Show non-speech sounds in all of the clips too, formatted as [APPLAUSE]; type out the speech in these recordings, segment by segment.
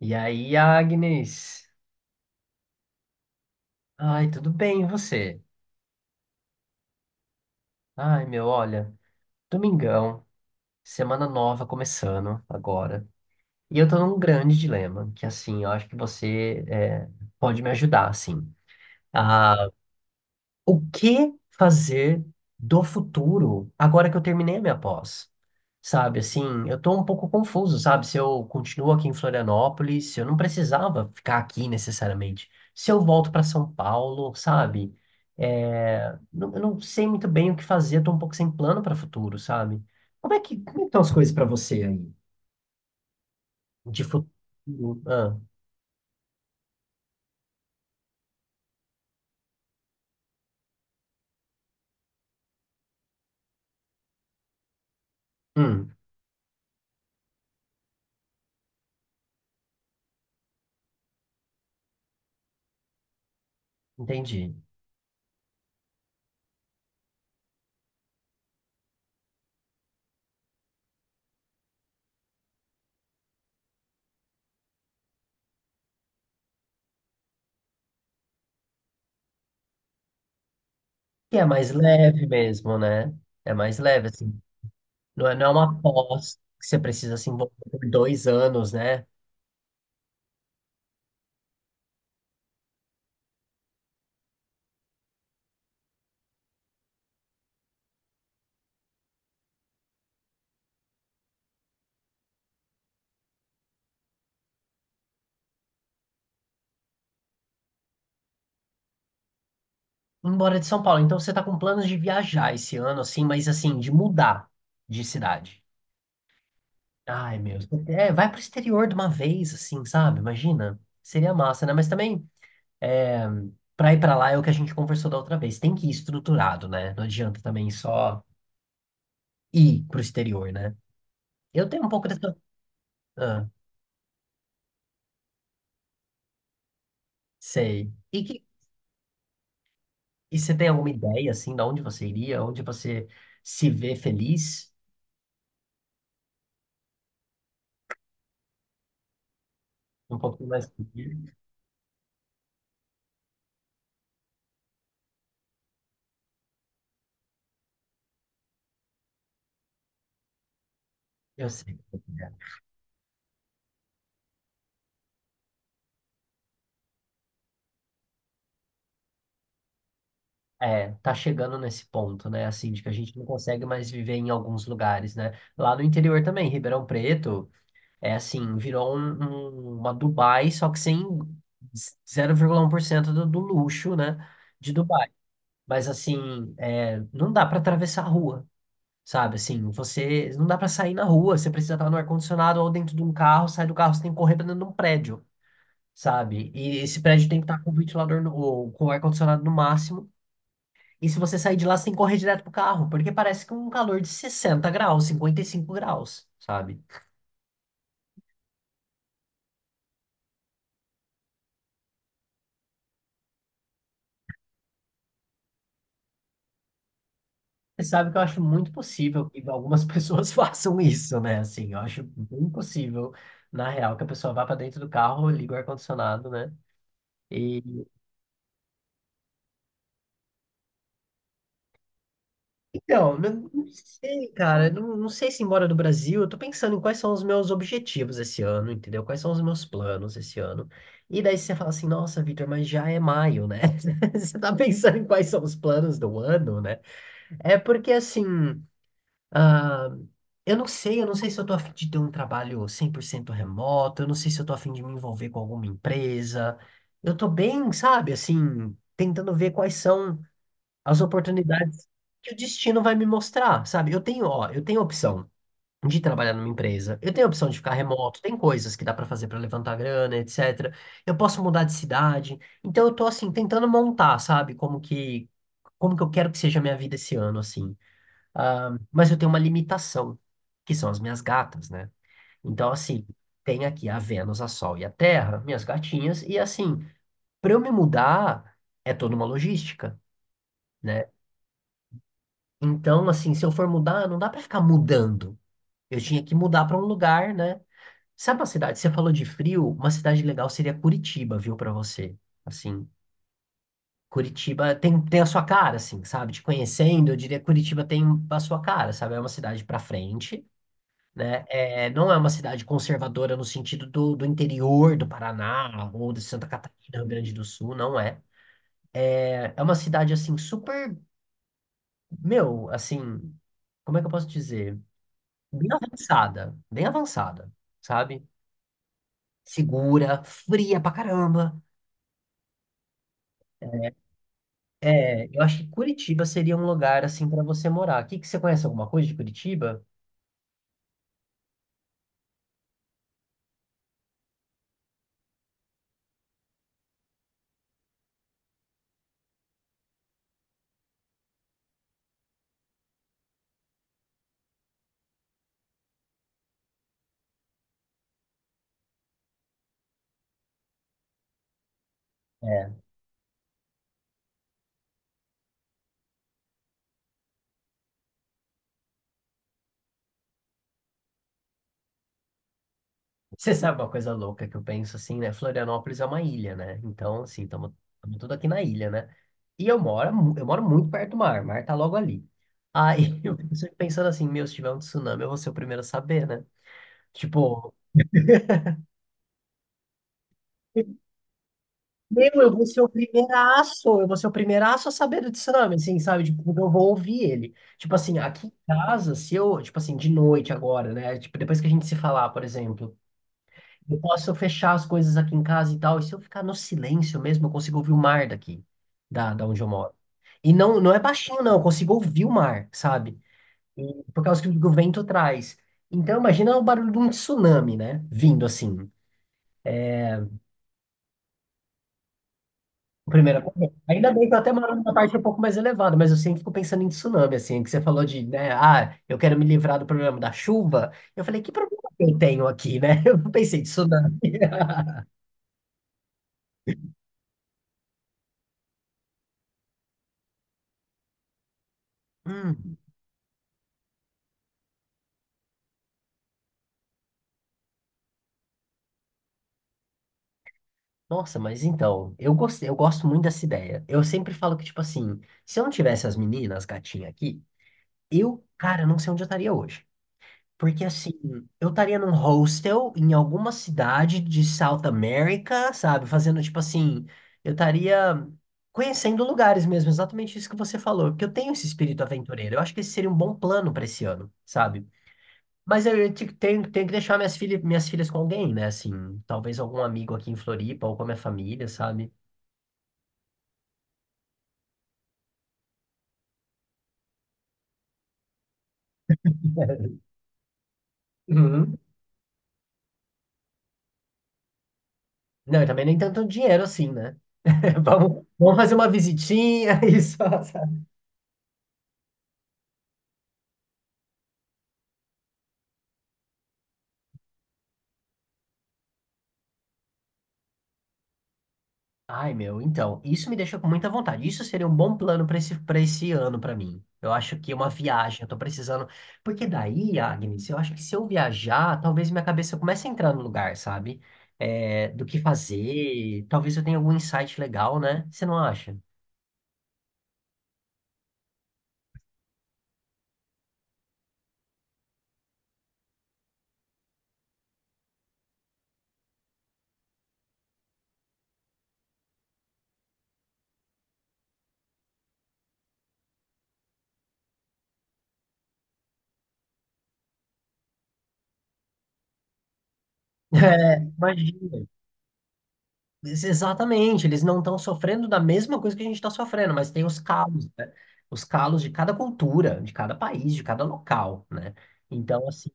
E aí, Agnes? Ai, tudo bem, e você? Ai, meu, olha, domingão, semana nova começando agora. E eu tô num grande dilema, que assim, eu acho que você é, pode me ajudar, assim. Ah, o que fazer do futuro agora que eu terminei a minha pós? Sabe? Assim, eu tô um pouco confuso, sabe? Se eu continuo aqui em Florianópolis, se eu não precisava ficar aqui necessariamente. Se eu volto para São Paulo, sabe? É, eu não sei muito bem o que fazer, tô um pouco sem plano para futuro, sabe? Como é que estão as coisas para você aí? De futuro. Ah, hum, entendi. Que é mais leve mesmo, né? É mais leve, assim. Não é uma pós que você precisa se envolver por 2 anos, né? Embora de São Paulo. Então você tá com planos de viajar esse ano, assim, mas assim, de mudar de cidade. Ai, meu. É, vai pro exterior de uma vez, assim, sabe? Imagina. Seria massa, né? Mas também, é, pra ir pra lá é o que a gente conversou da outra vez. Tem que ir estruturado, né? Não adianta também só ir pro exterior, né? Eu tenho um pouco dessa. Ah, sei. E, que... E você tem alguma ideia, assim, de onde você iria? Onde você se vê feliz? Um pouquinho mais. Eu sei. É, tá chegando nesse ponto, né? Assim, de que a gente não consegue mais viver em alguns lugares, né? Lá no interior também, Ribeirão Preto, é assim, virou uma Dubai, só que sem 0,1% do luxo, né? De Dubai. Mas assim, é, não dá para atravessar a rua, sabe? Assim, você não dá para sair na rua, você precisa estar no ar-condicionado ou dentro de um carro, sai do carro, você tem que correr para dentro de um prédio, sabe? E esse prédio tem que estar com o ventilador no, ou com o ar-condicionado no máximo, e se você sair de lá, você tem que correr direto pro carro, porque parece que é um calor de 60 graus, 55 graus, sabe? Você sabe que eu acho muito possível que algumas [LAUGHS] pessoas façam isso, né? Assim, eu acho bem possível, na real, que a pessoa vá pra dentro do carro, liga o ar-condicionado, né? E então, não, não sei, cara, não, não sei se embora do Brasil, eu tô pensando em quais são os meus objetivos esse ano, entendeu? Quais são os meus planos esse ano. E daí você fala assim, nossa, Vitor, mas já é maio, né? [LAUGHS] Você tá pensando em quais são os planos do ano, né? É porque assim, eu não sei se eu tô a fim de ter um trabalho 100% remoto, eu não sei se eu tô a fim de me envolver com alguma empresa. Eu tô bem, sabe, assim, tentando ver quais são as oportunidades que o destino vai me mostrar, sabe? Eu tenho, ó, eu tenho a opção de trabalhar numa empresa, eu tenho a opção de ficar remoto, tem coisas que dá pra fazer pra levantar grana, etc. Eu posso mudar de cidade. Então eu tô assim tentando montar, sabe, como que eu quero que seja a minha vida esse ano, assim. Ah, mas eu tenho uma limitação, que são as minhas gatas, né? Então, assim, tem aqui a Vênus, a Sol e a Terra, minhas gatinhas, e assim, para eu me mudar, é toda uma logística, né? Então, assim, se eu for mudar, não dá para ficar mudando. Eu tinha que mudar para um lugar, né? Sabe uma cidade? Você falou de frio, uma cidade legal seria Curitiba, viu, para você. Assim, Curitiba tem a sua cara, assim, sabe? Te conhecendo, eu diria que Curitiba tem a sua cara, sabe? É uma cidade para frente, né? É, não é uma cidade conservadora no sentido do interior do Paraná ou de Santa Catarina, Rio Grande do Sul, não é. É, é uma cidade, assim, super, meu, assim, como é que eu posso dizer? Bem avançada, sabe? Segura, fria pra caramba. É, eu acho que Curitiba seria um lugar, assim, pra você morar. O que que você conhece alguma coisa de Curitiba? É. Você sabe uma coisa louca que eu penso assim, né? Florianópolis é uma ilha, né? Então, assim, estamos tudo aqui na ilha, né? E eu moro, eu moro muito perto do mar, o mar tá logo ali. Aí [LAUGHS] eu fico sempre pensando assim, meu, se tiver um tsunami, eu vou ser o primeiro a saber, né? Tipo, meu, eu vou ser o primeiraço, eu vou ser o primeiraço a saber do tsunami, assim, sabe? Tipo, eu vou ouvir ele. Tipo assim, aqui em casa, se eu, tipo assim, de noite agora, né? Tipo, depois que a gente se falar, por exemplo. Eu posso fechar as coisas aqui em casa e tal. E se eu ficar no silêncio mesmo, eu consigo ouvir o mar daqui, da onde eu moro. E não, não é baixinho, não. Eu consigo ouvir o mar, sabe? E por causa do que o vento traz. Então, imagina o barulho de um tsunami, né? Vindo assim. Primeira vez. Ainda bem que eu até moro numa parte um pouco mais elevada, mas eu sempre fico pensando em tsunami, assim, que você falou de, né, ah, eu quero me livrar do problema da chuva. Eu falei, que problema que eu tenho aqui, né? [LAUGHS] Eu não pensei em tsunami. [LAUGHS] Hum. Nossa, mas então, eu gostei, eu gosto muito dessa ideia. Eu sempre falo que, tipo assim, se eu não tivesse as meninas, gatinhas aqui, eu, cara, não sei onde eu estaria hoje. Porque, assim, eu estaria num hostel em alguma cidade de South America, sabe? Fazendo, tipo assim, eu estaria conhecendo lugares mesmo, exatamente isso que você falou. Porque eu tenho esse espírito aventureiro. Eu acho que esse seria um bom plano pra esse ano, sabe? Mas tenho que deixar minhas filhas com alguém, né? Assim, talvez algum amigo aqui em Floripa ou com a minha família, sabe? Uhum. Não, e também nem tanto dinheiro assim, né? [LAUGHS] Vamos, vamos fazer uma visitinha [LAUGHS] e só. Sabe? Ai, meu, então, isso me deixa com muita vontade. Isso seria um bom plano para esse ano para mim. Eu acho que uma viagem, eu tô precisando. Porque daí, Agnes, eu acho que se eu viajar, talvez minha cabeça comece a entrar no lugar, sabe? É, do que fazer. Talvez eu tenha algum insight legal, né? Você não acha? [LAUGHS] É, imagina. Exatamente, eles não estão sofrendo da mesma coisa que a gente está sofrendo, mas tem os calos, né? Os calos de cada cultura, de cada país, de cada local, né? Então, assim,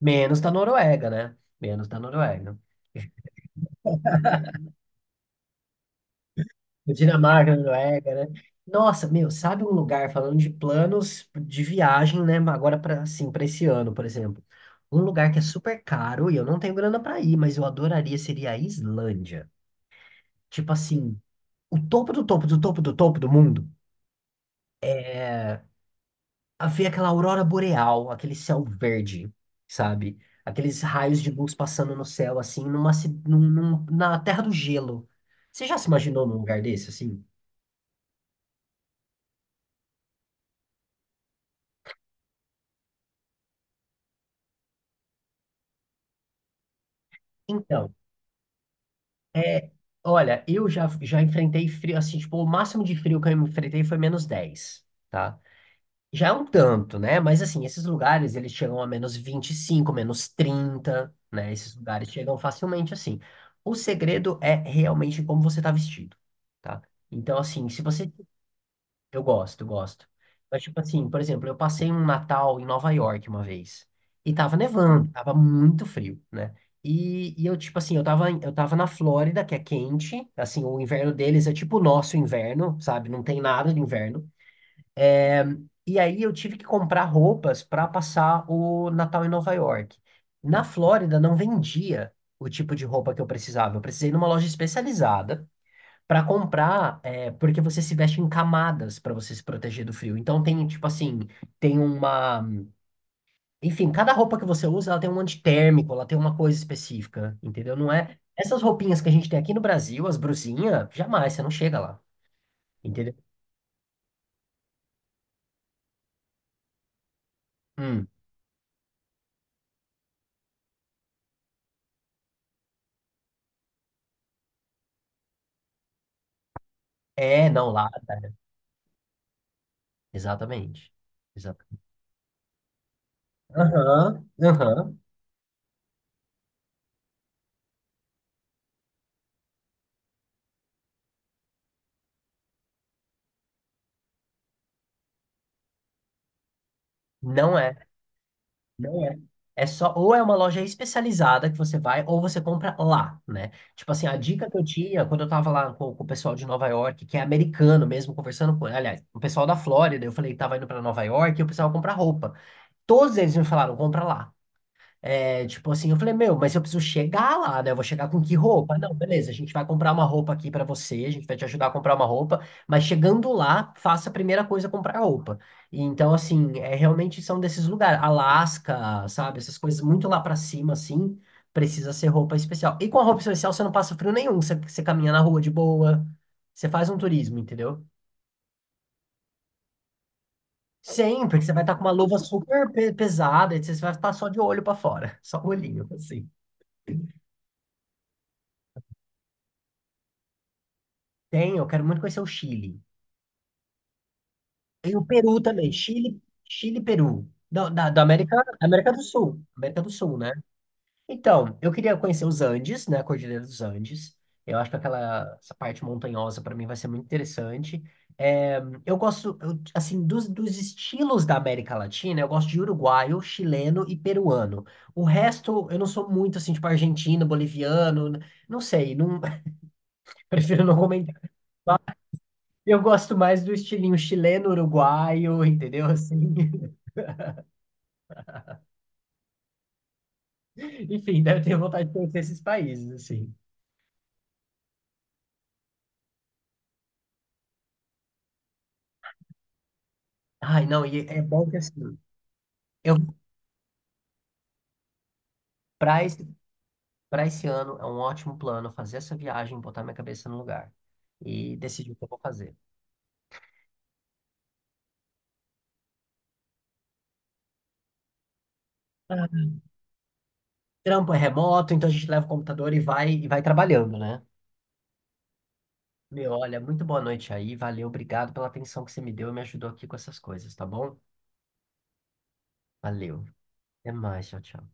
menos da Noruega, né? Menos da Noruega. Dinamarca, Noruega, né? Nossa, meu, sabe um lugar falando de planos de viagem, né? Agora para assim, para esse ano, por exemplo. Um lugar que é super caro e eu não tenho grana para ir, mas eu adoraria seria a Islândia. Tipo assim, o topo do topo do topo do topo do mundo é a ver aquela aurora boreal, aquele céu verde, sabe? Aqueles raios de luz passando no céu, assim, numa, ci- num, num- na Terra do Gelo. Você já se imaginou num lugar desse, assim? Então, é, olha, eu já, já enfrentei frio, assim, tipo, o máximo de frio que eu enfrentei foi -10, tá? Já é um tanto, né? Mas, assim, esses lugares, eles chegam a -25, -30, né? Esses lugares chegam facilmente, assim. O segredo é realmente como você tá vestido, tá? Então, assim, se você... Eu gosto, eu gosto. Mas, tipo assim, por exemplo, eu passei um Natal em Nova York uma vez. E tava nevando, tava muito frio, né? E eu, tipo assim, eu tava na Flórida, que é quente. Assim, o inverno deles é tipo o nosso inverno, sabe? Não tem nada de inverno. É, e aí eu tive que comprar roupas para passar o Natal em Nova York. Na Flórida não vendia o tipo de roupa que eu precisava. Eu precisei ir numa loja especializada para comprar, é, porque você se veste em camadas pra você se proteger do frio. Então tem, tipo assim, tem uma. Enfim, cada roupa que você usa, ela tem um antitérmico, ela tem uma coisa específica, entendeu? Não é. Essas roupinhas que a gente tem aqui no Brasil, as brusinhas, jamais, você não chega lá, entendeu? Hum. É, não, lá, tá. Exatamente. Exatamente. Aham, aham. Não é. Não é. É só, ou é uma loja especializada que você vai, ou você compra lá, né? Tipo assim, a dica que eu tinha quando eu tava lá com o pessoal de Nova York, que é americano mesmo, conversando com, aliás, o pessoal da Flórida, eu falei que tava indo pra Nova York e o pessoal compra roupa. Todos eles me falaram, compra lá. É, tipo assim, eu falei, meu, mas eu preciso chegar lá, né? Eu vou chegar com que roupa? Não, beleza, a gente vai comprar uma roupa aqui pra você, a gente vai te ajudar a comprar uma roupa, mas chegando lá, faça a primeira coisa comprar roupa. E então, assim, é realmente são desses lugares, Alasca, sabe? Essas coisas muito lá pra cima, assim, precisa ser roupa especial. E com a roupa especial você não passa frio nenhum, você caminha na rua de boa, você faz um turismo, entendeu? Sempre, que você vai estar com uma luva super pesada, e você vai estar só de olho pra fora, [LAUGHS] só o olhinho, assim. Tem, eu quero muito conhecer o Chile. E o Peru também, Chile, Chile, e Peru. Da América, América do Sul, né? Então, eu queria conhecer os Andes, né? A Cordilheira dos Andes. Eu acho que aquela essa parte montanhosa para mim vai ser muito interessante. É, eu gosto, eu, assim, dos estilos da América Latina, eu gosto de uruguaio, chileno e peruano. O resto, eu não sou muito, assim, tipo argentino, boliviano, não sei, não, [LAUGHS] prefiro não. Eu gosto mais do estilinho chileno, uruguaio, entendeu? Assim, [LAUGHS] enfim, daí eu tenho vontade de conhecer esses países, assim. Ai, não, e é bom que assim, eu, para esse, para esse ano é um ótimo plano fazer essa viagem, botar minha cabeça no lugar e decidir o que eu vou fazer. Ah, Trampo é remoto, então a gente leva o computador e vai trabalhando, né? Meu, olha, muito boa noite aí, valeu, obrigado pela atenção que você me deu e me ajudou aqui com essas coisas, tá bom? Valeu. Até mais, tchau, tchau.